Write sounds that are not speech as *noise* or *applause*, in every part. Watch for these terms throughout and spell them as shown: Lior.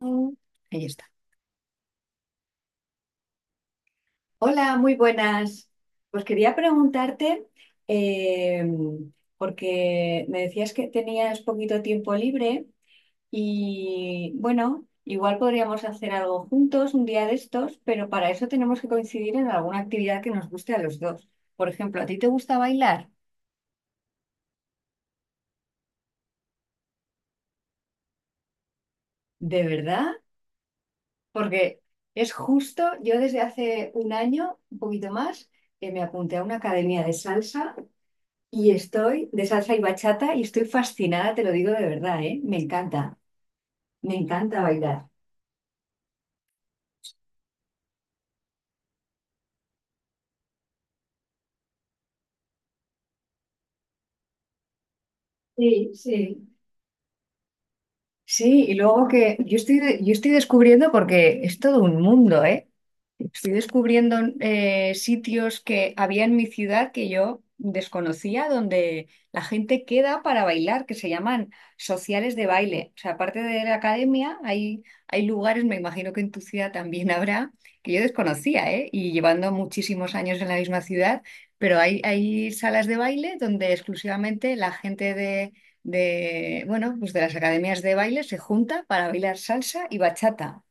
Mm, ahí está. Hola, muy buenas. Pues quería preguntarte, eh, porque me decías que tenías poquito tiempo libre y bueno, igual podríamos hacer algo juntos un día de estos, pero para eso tenemos que coincidir en alguna actividad que nos guste a los dos. Por ejemplo, ¿a ti te gusta bailar? ¿De verdad? Porque es justo, yo desde hace un año, un poquito más, que me apunté a una academia de salsa. Y estoy de salsa y bachata y estoy fascinada, te lo digo de verdad, ¿eh? Me encanta bailar. Sí, sí. Sí, y luego que yo estoy, de- yo estoy descubriendo, porque es todo un mundo, ¿eh? Estoy descubriendo, sitios que había en mi ciudad que yo desconocía, donde la gente queda para bailar, que se llaman sociales de baile. O sea, aparte de la academia, hay lugares, me imagino que en tu ciudad también *laughs* habrá, que yo desconocía, ¿eh? Y llevando muchísimos años en la misma ciudad, pero hay salas de baile donde exclusivamente la gente de, bueno, pues de las academias de baile se junta para bailar salsa y bachata.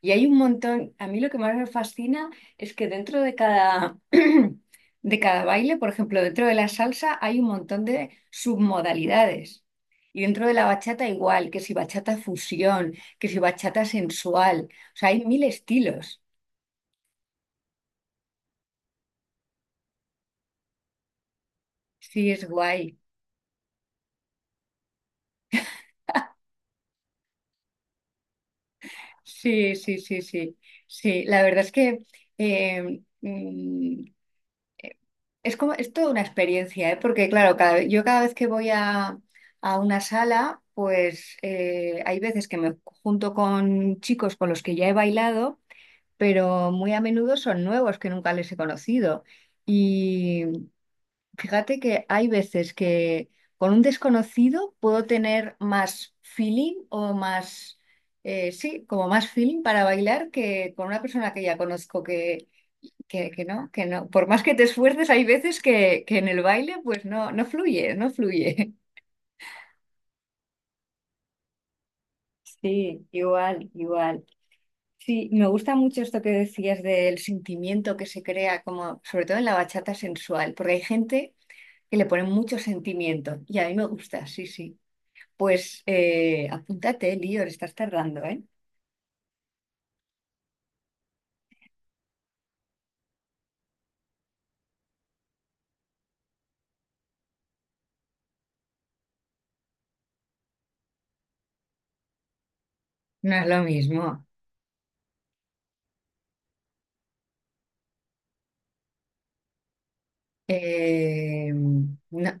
Y hay un montón, a mí lo que más me fascina es que dentro de cada, *clears throat* de cada baile, por ejemplo, dentro de la salsa hay un montón de submodalidades. Y dentro de la bachata igual, que si bachata fusión, que si bachata sensual. O sea, hay mil estilos. Sí, es guay. Sí, sí, sí, sí. Sí, la verdad es que eh, mm, es como, es toda una experiencia, ¿eh? Porque claro, yo cada vez que voy a una sala, pues hay veces que me junto con chicos con los que ya he bailado, pero muy a menudo son nuevos que nunca les he conocido. Y fíjate que hay veces que con un desconocido puedo tener más feeling o más, sí, como más feeling para bailar que con una persona que ya conozco, que no, que no. Por más que te esfuerces, hay veces que en el baile pues no, no fluye, no fluye. *laughs* Sí, igual, igual. Sí, me gusta mucho esto que decías del sentimiento que se crea, como sobre todo en la bachata sensual, porque hay gente que le pone mucho sentimiento y a mí me gusta, sí, sí. Pues apúntate, Lior, estás tardando, ¿eh? No es lo mismo. No.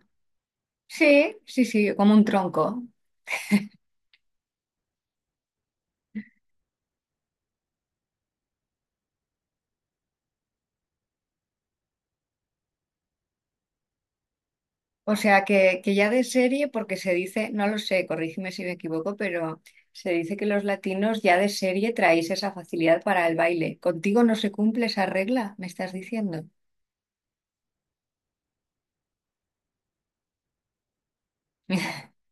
Sí, sí, sí, como un tronco. O sea, que ya de serie, porque se dice, no lo sé, corrígeme si me equivoco, pero se dice que los latinos ya de serie traéis esa facilidad para el baile. ¿Contigo no se cumple esa regla? ¿Me estás diciendo? *laughs*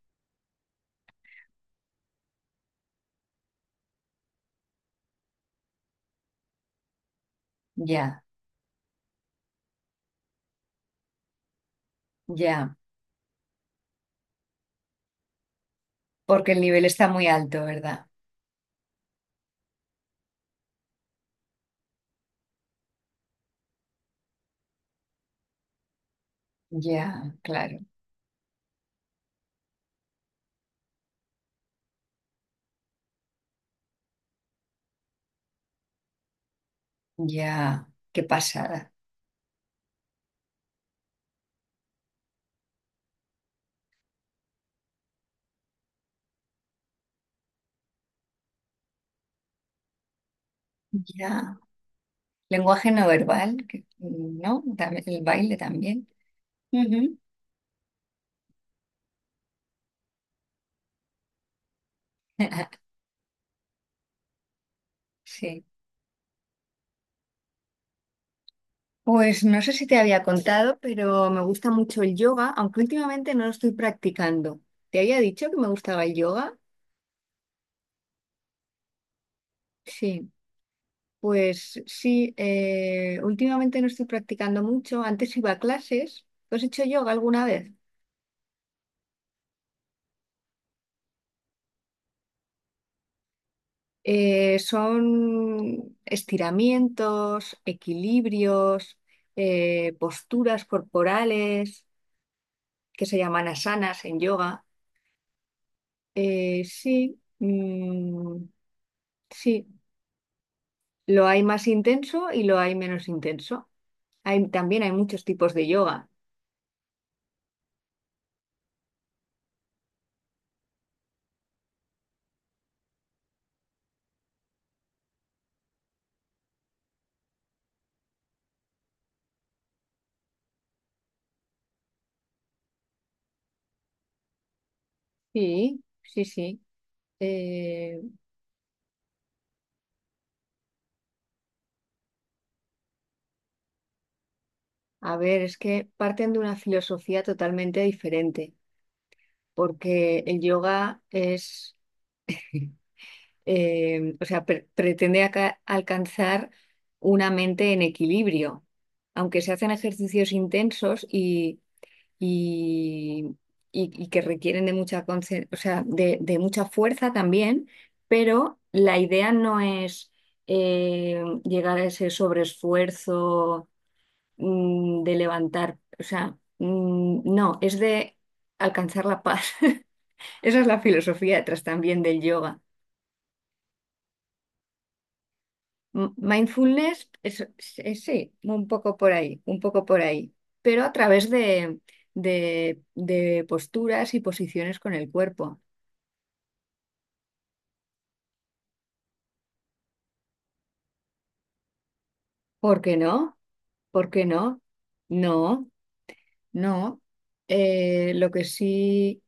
Ya, ya, porque el nivel está muy alto, ¿verdad? Ya, claro, ya, qué pasada. Ya. Lenguaje no verbal, ¿no? El baile también. Ujú. *laughs* Sí. Pues no sé si te había contado, pero me gusta mucho el yoga, aunque últimamente no lo estoy practicando. ¿Te había dicho que me gustaba el yoga? Sí, pues sí, últimamente no estoy practicando mucho. Antes iba a clases. ¿Tú has hecho yoga alguna vez? Son estiramientos, equilibrios, posturas corporales, que se llaman asanas en yoga. Sí. Sí, lo hay más intenso y lo hay menos intenso. También hay muchos tipos de yoga. Sí, sí, sí. Eh, a ver, es que parten de una filosofía totalmente diferente, porque el yoga es, o sea, pretende alcanzar una mente en equilibrio. Aunque se hacen ejercicios intensos y, y que requieren de mucha o sea, de mucha fuerza también, pero la idea no es llegar a ese sobreesfuerzo, de levantar, o sea, no, es de alcanzar la paz. *laughs* Esa es la filosofía detrás también del yoga. Mindfulness es, sí, un poco por ahí, un poco por ahí, pero a través de, de posturas y posiciones con el cuerpo. ¿Por qué no? ¿Por qué no? No, no. Lo que sí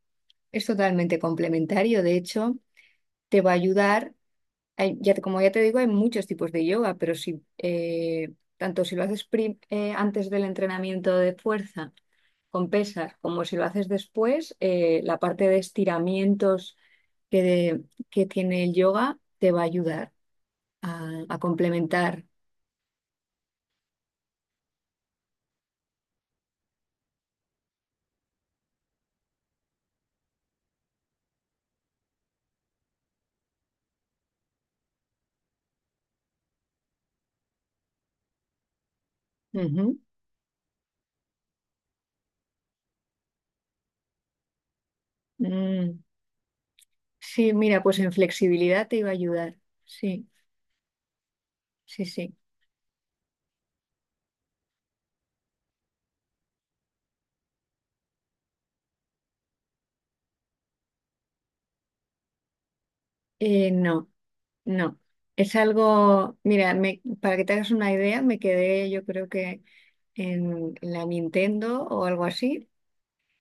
es totalmente complementario. De hecho, te va a ayudar. Ya, como ya te digo, hay muchos tipos de yoga, pero si tanto si lo haces antes del entrenamiento de fuerza con pesas, como si lo haces después, la parte de estiramientos que, de- que tiene el yoga te va a ayudar a complementar. Ujú. Mm. Sí, mira, pues en flexibilidad te iba a ayudar. Sí, sí, sí. No, no. Es algo, mira, para que te hagas una idea, me quedé yo creo que en la Nintendo o algo así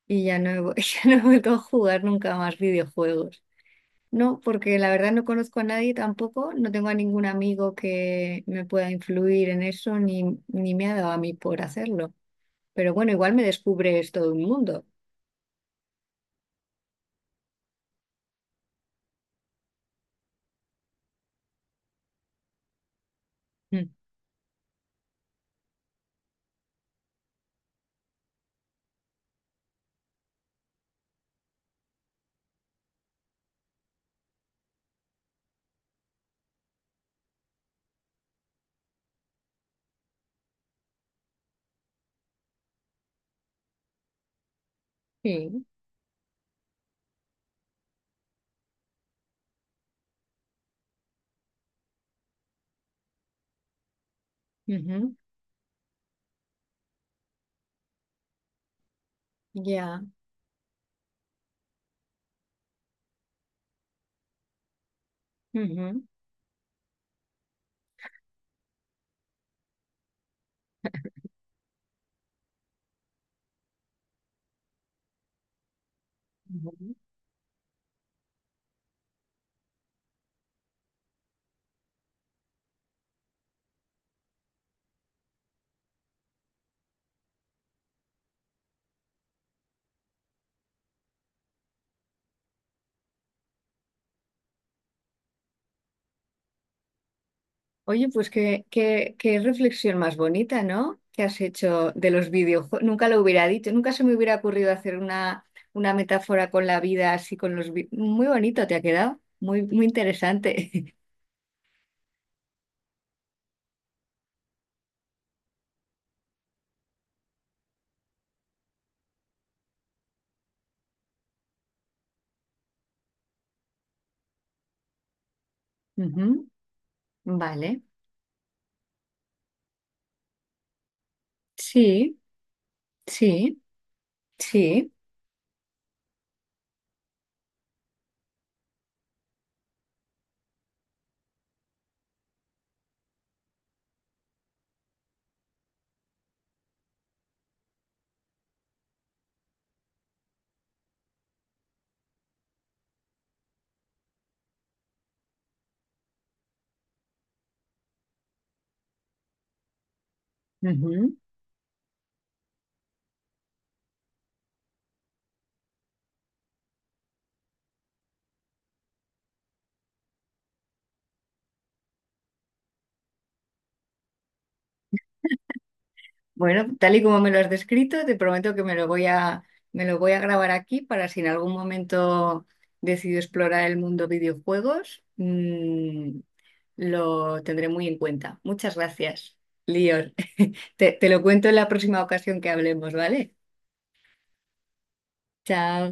y ya no he, vu- *laughs* ya no he vuelto a jugar nunca más videojuegos. No, porque la verdad no conozco a nadie tampoco, no tengo a ningún amigo que me pueda influir en eso ni, ni me ha dado a mí por hacerlo. Pero bueno, igual me descubres todo un mundo. Mm, sí. Ujú. Ya. Ujú, ujú. Oye, pues qué, qué, qué reflexión más bonita, ¿no? Que has hecho de los videojuegos. Nunca lo hubiera dicho, nunca se me hubiera ocurrido hacer una metáfora con la vida así con muy bonito te ha quedado, muy, muy interesante. *laughs* Ujú, vale, sí, sí, sí. Ujú. Bueno, tal y como me lo has descrito, te prometo que me lo voy a, me lo voy a grabar aquí para si en algún momento decido explorar el mundo videojuegos. Lo tendré muy en cuenta. Muchas gracias, Lior. *laughs* Te lo cuento en la próxima ocasión que hablemos, ¿vale? Chao.